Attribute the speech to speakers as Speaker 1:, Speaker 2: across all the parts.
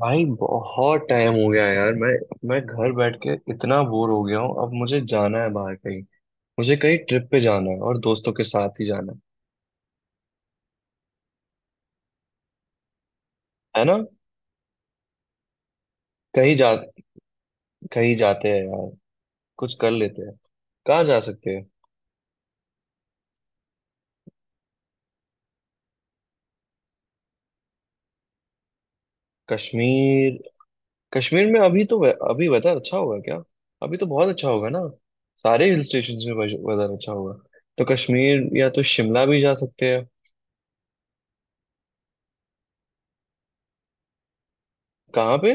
Speaker 1: भाई बहुत टाइम हो गया यार। मैं घर बैठ के इतना बोर हो गया हूँ। अब मुझे जाना है बाहर कहीं। मुझे कहीं ट्रिप पे जाना है और दोस्तों के साथ ही जाना है। है ना? कहीं जा कहीं जाते हैं यार। कुछ कर लेते हैं। कहाँ जा सकते हैं? कश्मीर? कश्मीर में अभी तो अभी वेदर अच्छा होगा क्या? अभी तो बहुत अच्छा होगा ना। सारे हिल स्टेशन में वेदर अच्छा होगा। तो कश्मीर या तो शिमला भी जा सकते हैं। कहाँ पे?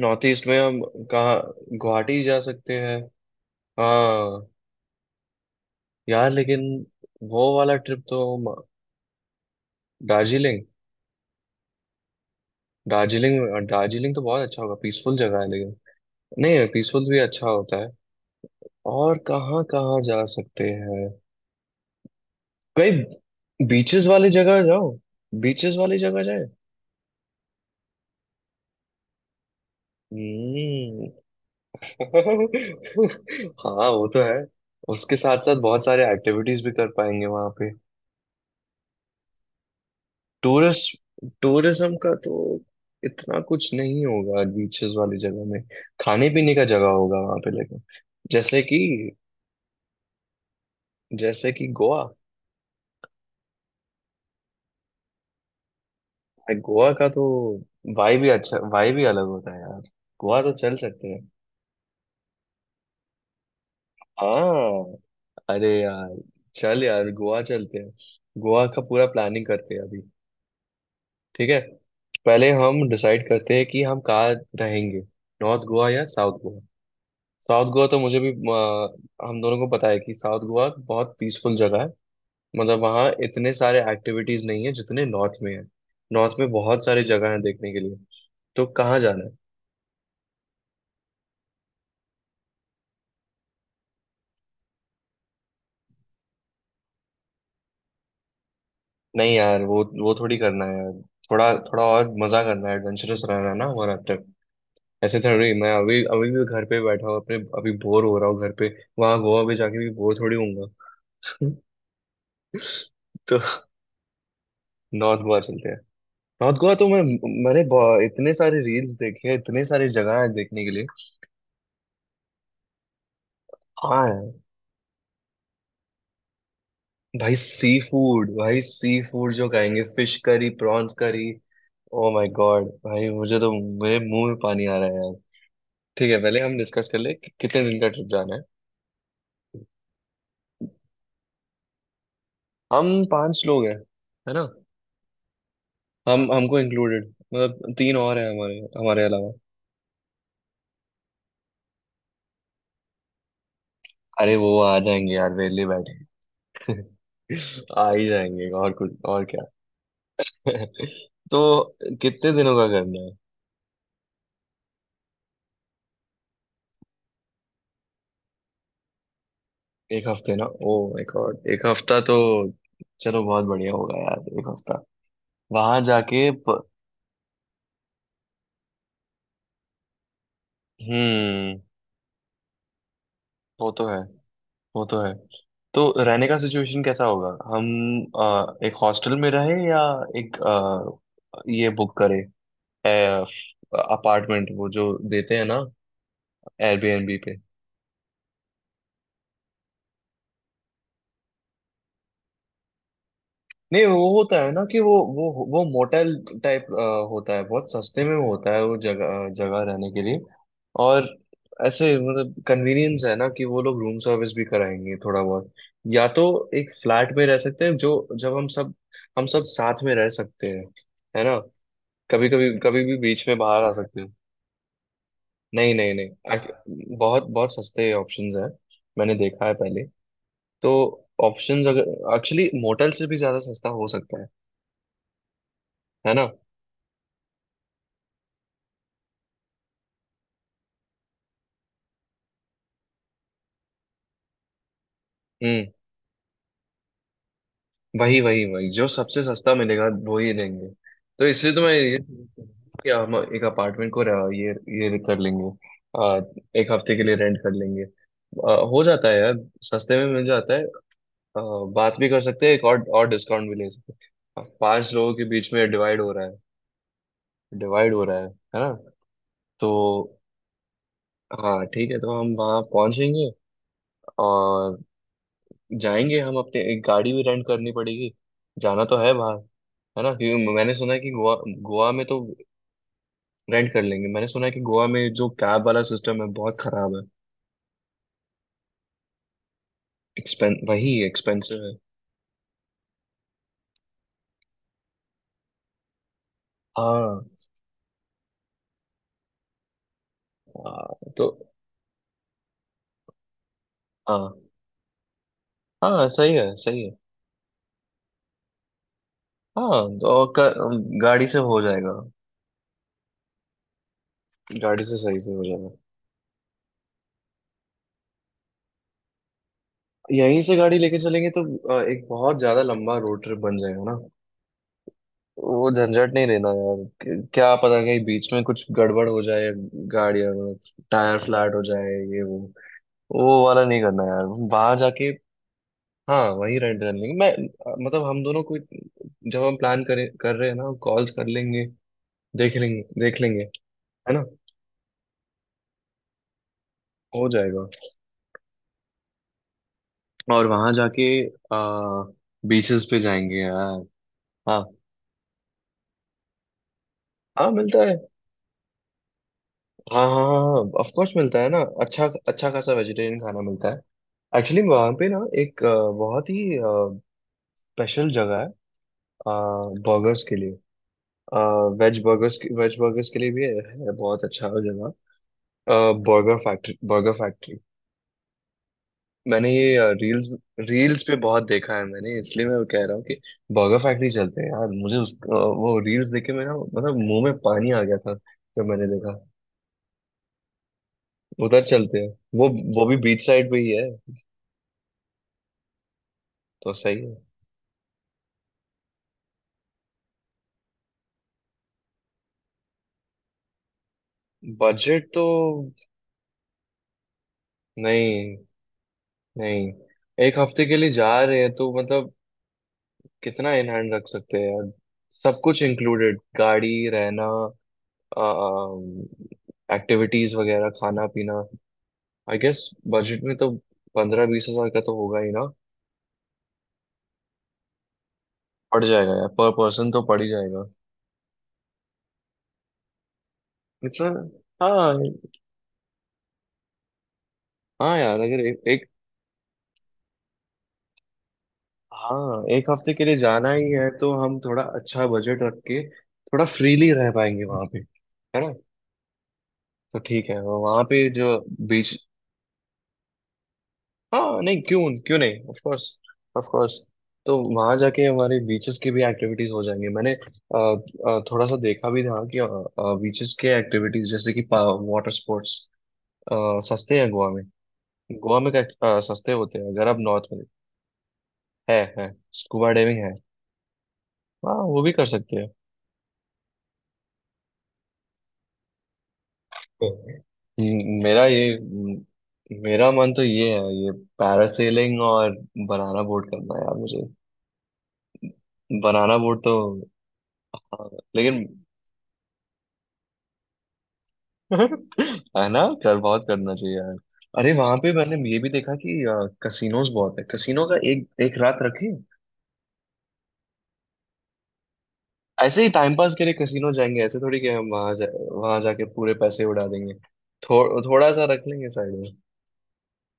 Speaker 1: नॉर्थ ईस्ट में हम, कहाँ, गुवाहाटी जा सकते हैं। हाँ। यार लेकिन वो वाला ट्रिप तो, म- दार्जिलिंग? दार्जिलिंग तो बहुत अच्छा होगा, पीसफुल जगह है लेकिन। नहीं, पीसफुल भी अच्छा होता है। और कहाँ कहाँ जा सकते हैं? कई बीचेस वाली जगह जाओ, बीचेस वाली जगह जाए। हम्म। हाँ वो तो है। उसके साथ साथ बहुत सारे एक्टिविटीज भी कर पाएंगे वहां पे। टूरिस्ट, टूरिज्म का तो इतना कुछ नहीं होगा बीचेस वाली जगह में। खाने पीने का जगह होगा वहां पे लेकिन, जैसे कि, जैसे कि गोवा। गोवा का तो वाइब भी अच्छा, वाइब भी अलग होता है यार। गोवा तो चल सकते हैं। हाँ, अरे यार, चल यार गोवा चलते हैं। गोवा का पूरा प्लानिंग करते हैं अभी। ठीक है। पहले हम डिसाइड करते हैं कि हम कहाँ रहेंगे। नॉर्थ गोवा या साउथ गोवा? साउथ गोवा तो मुझे भी हम दोनों को पता है कि साउथ गोवा बहुत पीसफुल जगह है। मतलब वहाँ इतने सारे एक्टिविटीज नहीं है जितने नॉर्थ में है। नॉर्थ में बहुत सारी जगह है देखने के लिए। तो कहाँ जाना है? नहीं यार, वो थोड़ी करना है यार। थोड़ा थोड़ा और मजा करना है, एडवेंचरस रहना है ना हमारा ट्रिप। ऐसे थोड़ी। मैं अभी अभी भी घर पे बैठा हूँ अपने, अभी बोर हो रहा हूँ घर पे। वहाँ गोवा भी जाके भी बोर थोड़ी होऊंगा। तो नॉर्थ गोवा चलते हैं। नॉर्थ गोवा तो मैंने इतने सारे रील्स देखे हैं, इतने सारी जगह है देखने के लिए। हाँ। भाई सी फूड, जो खाएंगे, fish curry, prawns curry. Oh my god भाई मुझे तो, मेरे मुंह में पानी आ रहा है यार। ठीक है। पहले हम डिस्कस कर ले कि कितने दिन का ट्रिप जाना है। हम पांच लोग हैं, है ना? हम, हमको इंक्लूडेड, मतलब तीन और हैं हमारे हमारे अलावा। अरे वो आ जाएंगे यार वेले बैठे। आ ही जाएंगे। और कुछ और क्या? तो कितने दिनों का करना है? एक हफ्ते ना? ओ माय गॉड एक हफ्ता तो, चलो बहुत बढ़िया होगा यार एक हफ्ता। वहां जाके प... हम्म। वो तो है, वो तो है। तो रहने का सिचुएशन कैसा होगा? हम एक हॉस्टल में रहे, या एक ये बुक करें, अपार्टमेंट वो जो देते हैं ना एयरबीएनबी पे? नहीं वो होता है ना कि वो मोटेल टाइप होता है। बहुत सस्ते में होता है, वो जगह जगह रहने के लिए। और, ऐसे मतलब, कन्वीनियंस है ना कि वो लोग रूम सर्विस भी कराएंगे थोड़ा बहुत। या तो एक फ्लैट में रह सकते हैं, जो जब हम सब साथ में रह सकते हैं, है ना? कभी कभी कभी भी बीच में बाहर आ सकते हैं। नहीं नहीं नहीं, आख- बहुत बहुत सस्ते ऑप्शंस हैं। मैंने देखा है पहले। तो ऑप्शंस अगर एक्चुअली मोटेल से भी ज्यादा सस्ता हो सकता है ना? हम्म। वही वही वही जो सबसे सस्ता मिलेगा वो ही लेंगे। तो इसलिए तो मैं ये कि हम एक अपार्टमेंट को ये कर लेंगे। आ, एक हफ्ते के लिए रेंट कर लेंगे, हो जाता है यार, सस्ते में मिल जाता है। आ, बात भी कर सकते हैं, एक और डिस्काउंट भी ले सकते हैं। पांच लोगों के बीच में डिवाइड हो रहा है, डिवाइड हो रहा है ना? तो, हाँ ठीक है। तो हम वहाँ पहुंचेंगे और, जाएंगे हम अपने, एक गाड़ी भी रेंट करनी पड़ेगी। जाना तो है बाहर, है ना? क्योंकि मैंने सुना है कि गोवा गोवा में तो रेंट कर लेंगे। मैंने सुना है कि गोवा में जो कैब वाला सिस्टम है बहुत खराब है। एक्सपें वही एक्सपेंसिव है। हाँ। हाँ, तो हाँ। हाँ सही है, सही है। हाँ तो गाड़ी से हो जाएगा। गाड़ी से सही से हो जाएगा। यहीं से गाड़ी लेके चलेंगे तो एक बहुत ज्यादा लंबा रोड ट्रिप बन जाएगा ना। वो झंझट नहीं लेना यार, क्या पता कहीं बीच में कुछ गड़बड़ हो जाए गाड़ी में। टायर फ्लैट हो जाए, ये वो। वो वाला नहीं करना यार। वहां जाके, हाँ वही रेंट कर लेंगे। मैं मतलब हम दोनों को, जब हम प्लान करें कर रहे हैं ना, कॉल्स कर लेंगे, देख लेंगे, देख लेंगे। है ना? हो जाएगा। और वहां जाके, आ, बीचेस पे जाएंगे यार। हाँ। हाँ मिलता है। हाँ हाँ हाँ ऑफ कोर्स मिलता है ना, अच्छा अच्छा खासा वेजिटेरियन खाना मिलता है। एक्चुअली वहाँ पे ना एक बहुत ही स्पेशल जगह है बर्गर्स के लिए। वेज बर्गर्स के लिए भी है बहुत अच्छा जगह। Burger factory. मैंने ये रील्स रील्स पे बहुत देखा है मैंने, इसलिए मैं कह रहा हूँ कि बर्गर फैक्ट्री चलते हैं यार। मुझे उस वो रील्स देखे मैं ना, मतलब मुंह में पानी आ गया था जब मैंने देखा। उधर चलते हैं। वो वो भी बीच साइड पे ही है। तो सही है। बजट तो, नहीं नहीं, एक हफ्ते के लिए जा रहे हैं तो मतलब, कितना इन हैंड रख सकते हैं यार? सब कुछ इंक्लूडेड - गाड़ी, रहना, एक्टिविटीज वगैरह, खाना पीना। आई गेस बजट में तो 15-20 हज़ार का तो होगा ही ना। पड़ जाएगा यार, पर पर्सन तो पड़ ही जाएगा। इतना, हाँ हाँ यार, अगर एक, हाँ एक हफ्ते के लिए जाना ही है तो हम थोड़ा अच्छा बजट रख के थोड़ा फ्रीली रह पाएंगे वहां पे, है ना? तो ठीक है। वहां पे जो बीच, हाँ नहीं क्यों, क्यों नहीं, ऑफ कोर्स ऑफ कोर्स। तो वहां जाके हमारे बीचेस की भी एक्टिविटीज हो जाएंगी। मैंने थोड़ा सा देखा भी था कि बीचेस के एक्टिविटीज जैसे कि वाटर स्पोर्ट्स सस्ते हैं गोवा में। गोवा में क्या- सस्ते होते हैं अगर आप नॉर्थ में। है है। स्कूबा डाइविंग है। हाँ वो भी कर सकते हैं। हम्म, मेरा ये हम्म, मेरा मन तो ये है, ये पैरासेलिंग और बनाना बोट करना है यार मुझे। बनाना बोट तो, हाँ, लेकिन, है ना? कर बहुत करना चाहिए यार। अरे वहां पे मैंने ये भी देखा कि कसिनोज बहुत है, कसिनो का एक एक रात रखें। ऐसे ही टाइम पास के लिए कसिनो जाएंगे। ऐसे थोड़ी कि हम वहां जाके पूरे पैसे उड़ा देंगे, थोड़ा सा रख लेंगे साइड में।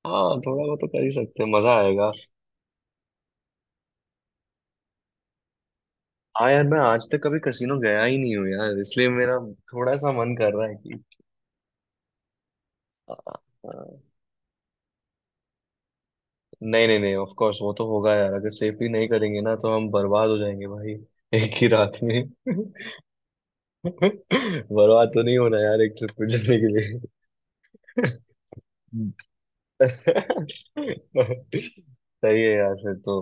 Speaker 1: हाँ थोड़ा वो तो कर ही सकते हैं, मजा आएगा। हाँ यार मैं आज तक कभी कसिनो गया ही नहीं हूँ यार, इसलिए मेरा थोड़ा सा मन कर रहा है कि आ, आ, नहीं नहीं नहीं ऑफ कोर्स वो तो होगा यार। अगर सेफली नहीं करेंगे ना तो हम बर्बाद हो जाएंगे भाई, एक ही रात में। बर्बाद तो नहीं होना यार एक ट्रिप पे जाने के लिए। सही है यार फिर तो।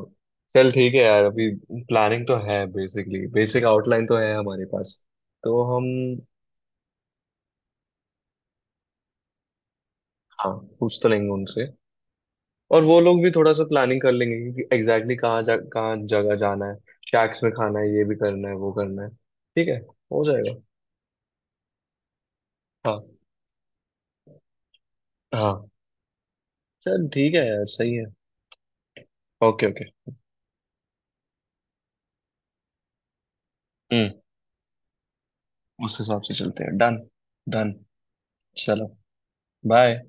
Speaker 1: चल ठीक है यार। अभी प्लानिंग तो है, बेसिकली बेसिक आउटलाइन तो है हमारे पास। तो हम, हाँ पूछ तो लेंगे उनसे। और वो लोग भी थोड़ा सा प्लानिंग कर लेंगे कि एग्जैक्टली कहाँ जगह जाना है। शैक्स में खाना है, ये भी करना है वो करना है। ठीक है, हो जाएगा। हाँ हाँ। चल ठीक है यार सही है। Okay okay. हम्म। उस हिसाब से चलते हैं। डन। डन। चलो। बाय।